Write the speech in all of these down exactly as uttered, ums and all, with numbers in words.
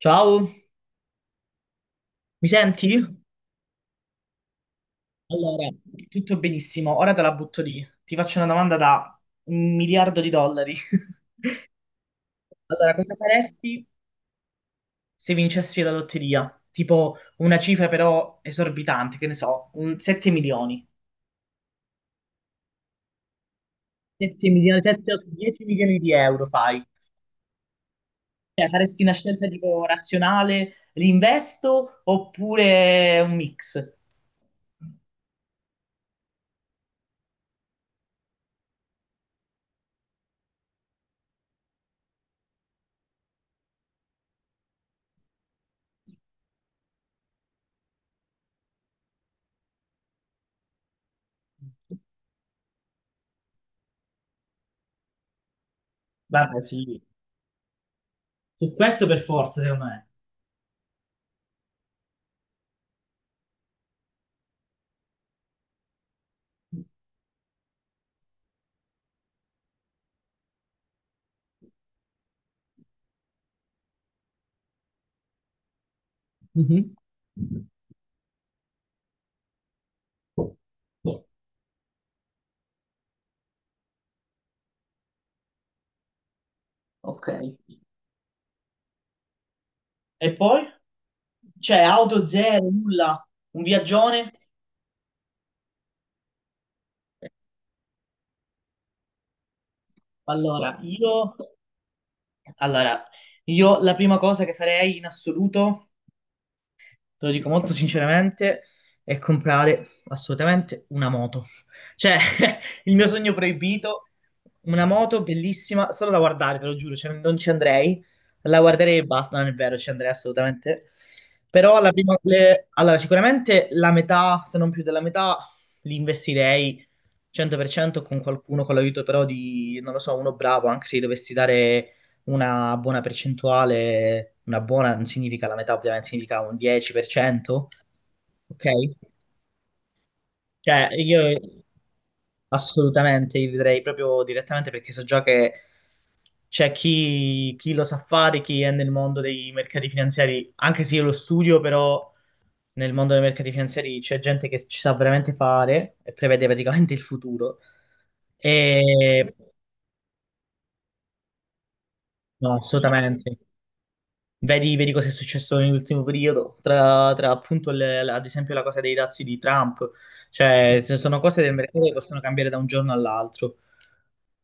Ciao, mi senti? Allora, tutto benissimo, ora te la butto lì. Ti faccio una domanda da un miliardo di dollari. Allora, cosa faresti se vincessi la lotteria? Tipo una cifra però esorbitante, che ne so, un sette milioni. sette milioni, sette, otto, dieci milioni di euro fai. Cioè, faresti una scelta tipo razionale, l'investo oppure un mix? Vabbè, sì. Su questo per forza, secondo me. Mhm. Ok. E poi? C'è auto zero, nulla, un viaggione? Allora, io... Allora, io la prima cosa che farei in assoluto te lo dico molto sinceramente, è comprare assolutamente una moto. Cioè, il mio sogno proibito, una moto bellissima, solo da guardare, te lo giuro, cioè, non ci andrei, la guarderei e basta, non è vero, ci andrei assolutamente. Però la prima, le- allora, sicuramente la metà, se non più della metà, li investirei cento per cento con qualcuno, con l'aiuto però di, non lo so, uno bravo, anche se gli dovessi dare una buona percentuale, una buona non significa la metà, ovviamente significa un dieci per cento, ok? Cioè, io assolutamente li vedrei proprio direttamente perché so già che c'è chi, chi lo sa fare, chi è nel mondo dei mercati finanziari, anche se io lo studio, però nel mondo dei mercati finanziari c'è gente che ci sa veramente fare e prevede praticamente il futuro. E no, assolutamente. Vedi, vedi cosa è successo nell'ultimo periodo, tra, tra appunto le- la- ad esempio la cosa dei dazi di Trump, cioè ci sono cose del mercato che possono cambiare da un giorno all'altro.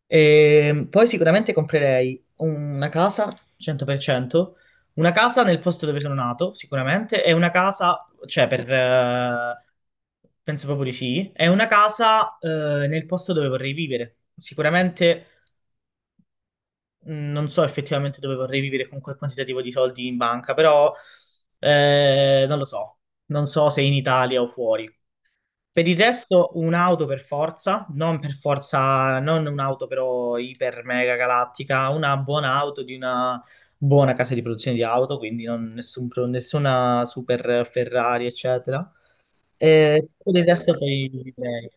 E poi sicuramente comprerei una casa, cento per cento, una casa nel posto dove sono nato, sicuramente, e una casa, cioè per... eh, penso proprio di sì, e una casa eh, nel posto dove vorrei vivere. Sicuramente mh, non so effettivamente dove vorrei vivere con quel quantitativo di soldi in banca, però eh, non lo so. Non so se in Italia o fuori. Per il resto, un'auto per forza, non per forza, non un'auto però iper mega galattica, una buona auto di una buona casa di produzione di auto, quindi non- nessun pro- nessuna super Ferrari, eccetera. E per il resto poi direi,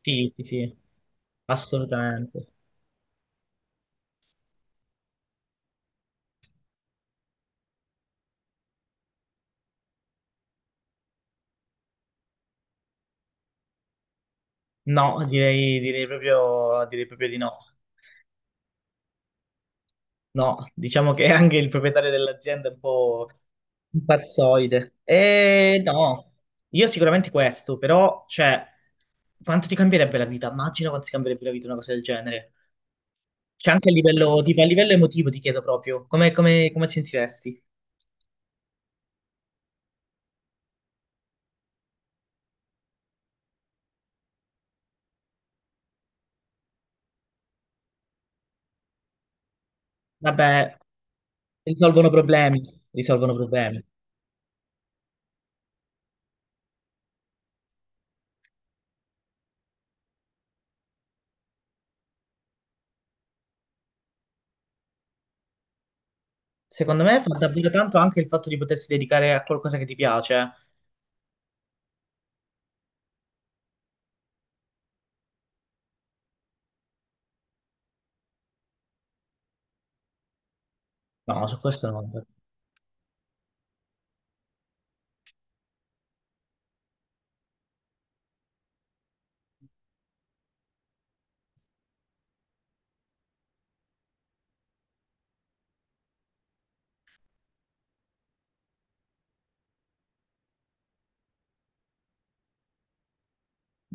sì, sì, sì, assolutamente. No, direi, direi proprio, direi proprio di no. No, diciamo che anche il proprietario dell'azienda è un po' un pazzoide. E no, io sicuramente questo, però, cioè, quanto ti cambierebbe la vita? Immagino quanto ti cambierebbe la vita una cosa del genere. Cioè, anche a livello, tipo, a livello emotivo ti chiedo proprio, come, come, come ti sentiresti? Vabbè, risolvono problemi, risolvono problemi. Secondo me fa davvero tanto anche il fatto di potersi dedicare a qualcosa che ti piace. Eh. No, su questo no.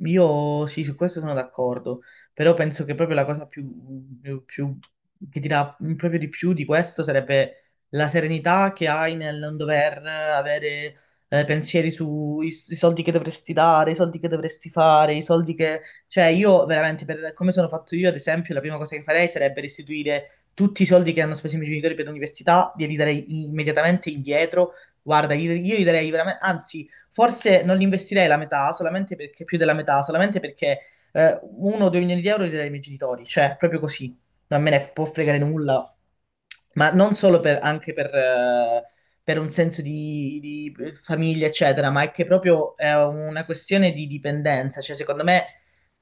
Io sì, su questo sono d'accordo, però penso che proprio la cosa più, più- più- che ti dà proprio di più di questo sarebbe la serenità che hai nel non dover avere eh, pensieri sui i soldi che dovresti dare, i soldi che dovresti fare, i soldi che... Cioè io veramente, per come sono fatto io, ad esempio, la prima cosa che farei sarebbe restituire tutti i soldi che hanno speso i miei genitori per l'università, glieli darei immediatamente indietro. Guarda, io, io gli darei veramente... Anzi forse non li investirei la metà, solamente perché più della metà, solamente perché eh, uno o due milioni di euro li darei ai miei genitori, cioè proprio così, non me ne può fregare nulla, ma non solo per, anche per, eh, per un senso di, di famiglia, eccetera, ma è che proprio è una questione di dipendenza, cioè secondo me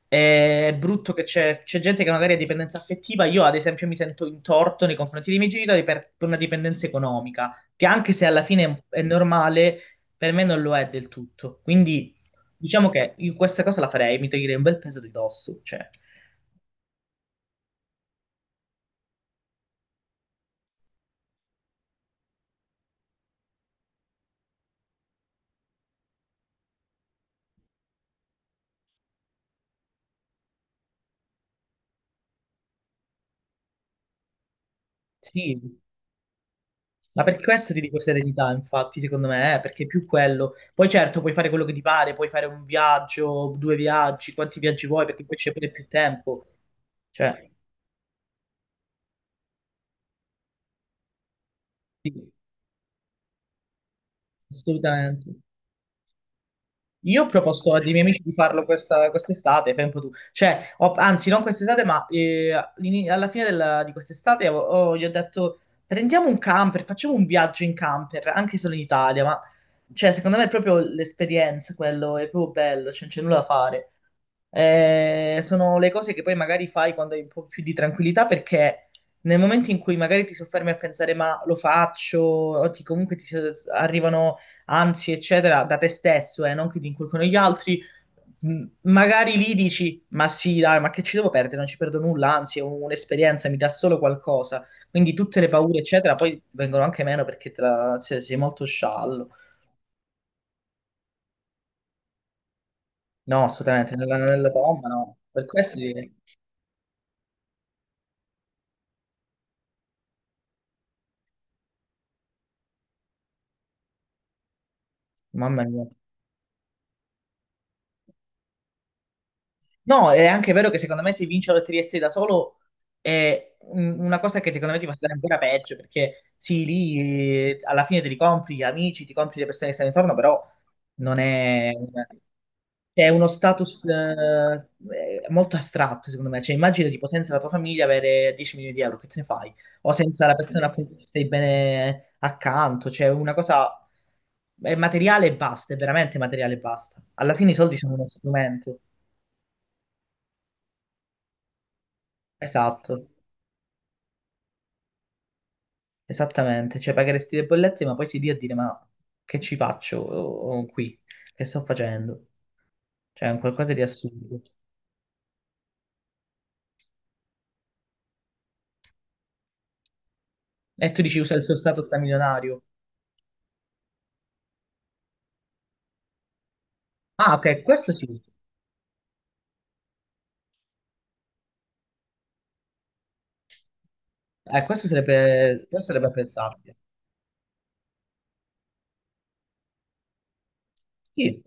è brutto che c'è, c'è gente che magari ha dipendenza affettiva. Io, ad esempio, mi sento in torto nei confronti dei miei genitori per, per una dipendenza economica, che anche se alla fine è è normale, per me non lo è del tutto. Quindi diciamo che io questa cosa la farei, mi toglierei un bel peso di dosso. Cioè, sì, ma per questo ti dico serenità, infatti, secondo me, eh, perché è più quello. Poi certo, puoi fare quello che ti pare, puoi fare un viaggio, due viaggi, quanti viaggi vuoi, perché poi c'è pure più tempo. Cioè, sì, assolutamente. Io ho proposto ai miei amici di farlo questa, quest'estate, fai un po' tu. Cioè, ho- anzi, non quest'estate, ma eh, all'ini- alla fine della- di quest'estate ho- ho- gli ho detto prendiamo un camper, facciamo un viaggio in camper, anche solo in Italia, ma cioè, secondo me è proprio l'esperienza, quello è proprio bello, cioè, non c'è nulla da fare. Eh, sono le cose che poi magari fai quando hai un po' più di tranquillità, perché nel momento in cui magari ti soffermi a pensare ma lo faccio, o ti- comunque ti arrivano ansie, eccetera, da te stesso, eh, non che ti inculcano gli altri. M- Magari lì dici, ma sì, dai, ma che ci devo perdere? Non ci perdo nulla, anzi, è un- un'esperienza, mi dà solo qualcosa. Quindi tutte le paure, eccetera, poi vengono anche meno perché te la- se- sei molto sciallo. No, assolutamente, nella, nella tomba no. Per questo, direi- mamma mia. No, è anche vero che secondo me se vince la Lotteria sei da solo è un- una cosa che secondo me ti fa stare ancora peggio, perché sì, lì eh, alla fine te li compri gli amici, ti compri le persone che stanno intorno, però non è... un- È uno status eh, eh, molto astratto, secondo me. Cioè, immagina tipo senza la tua famiglia avere dieci milioni di euro, che te ne fai? O senza la persona a cui stai bene accanto. Cioè, una cosa è materiale e basta, è veramente materiale e basta. Alla fine i soldi sono uno strumento. Esatto, esattamente, cioè pagheresti le bollette ma poi si lì a dire ma che ci faccio oh, qui, che sto facendo? Cioè è un qualcosa di assurdo. E tu dici usa il suo stato sta milionario. Ah ok, questo sì, eh, questo sarebbe, questo sarebbe apprezzabile. Sì,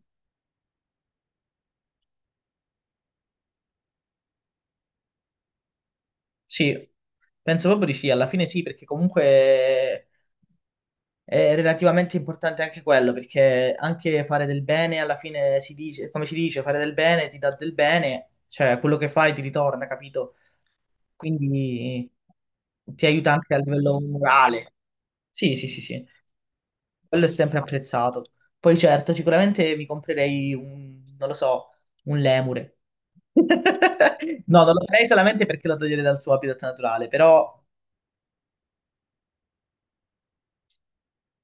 sì, penso proprio di sì, alla fine sì, perché comunque è relativamente importante anche quello, perché anche fare del bene alla fine si dice, come si dice, fare del bene ti dà del bene, cioè quello che fai ti ritorna, capito? Quindi ti aiuta anche a livello morale. Sì, sì, sì, sì, quello è sempre apprezzato. Poi certo, sicuramente mi comprerei un, non lo so, un lemure. No, non lo farei solamente perché lo toglierei dal suo habitat naturale, però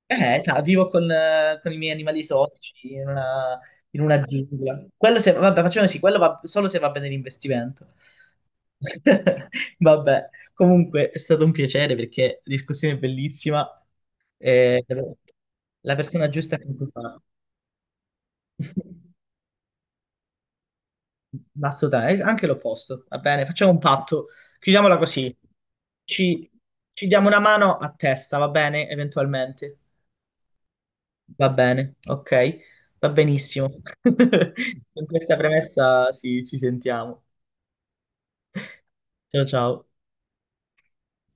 Eh, sa, vivo con, eh, con i miei animali esotici in una, in una giungla. Quello se, vabbè, facciamo sì, quello va solo se va bene l'investimento. Vabbè, comunque è stato un piacere perché la discussione è bellissima. Eh, la persona giusta che mi fa. Assolutamente, anche l'opposto. Va bene, facciamo un patto. Chiudiamola così. Ci, ci diamo una mano a testa, va bene? Eventualmente. Va bene, ok, va benissimo. Con questa premessa sì, ci sentiamo. Ciao ciao.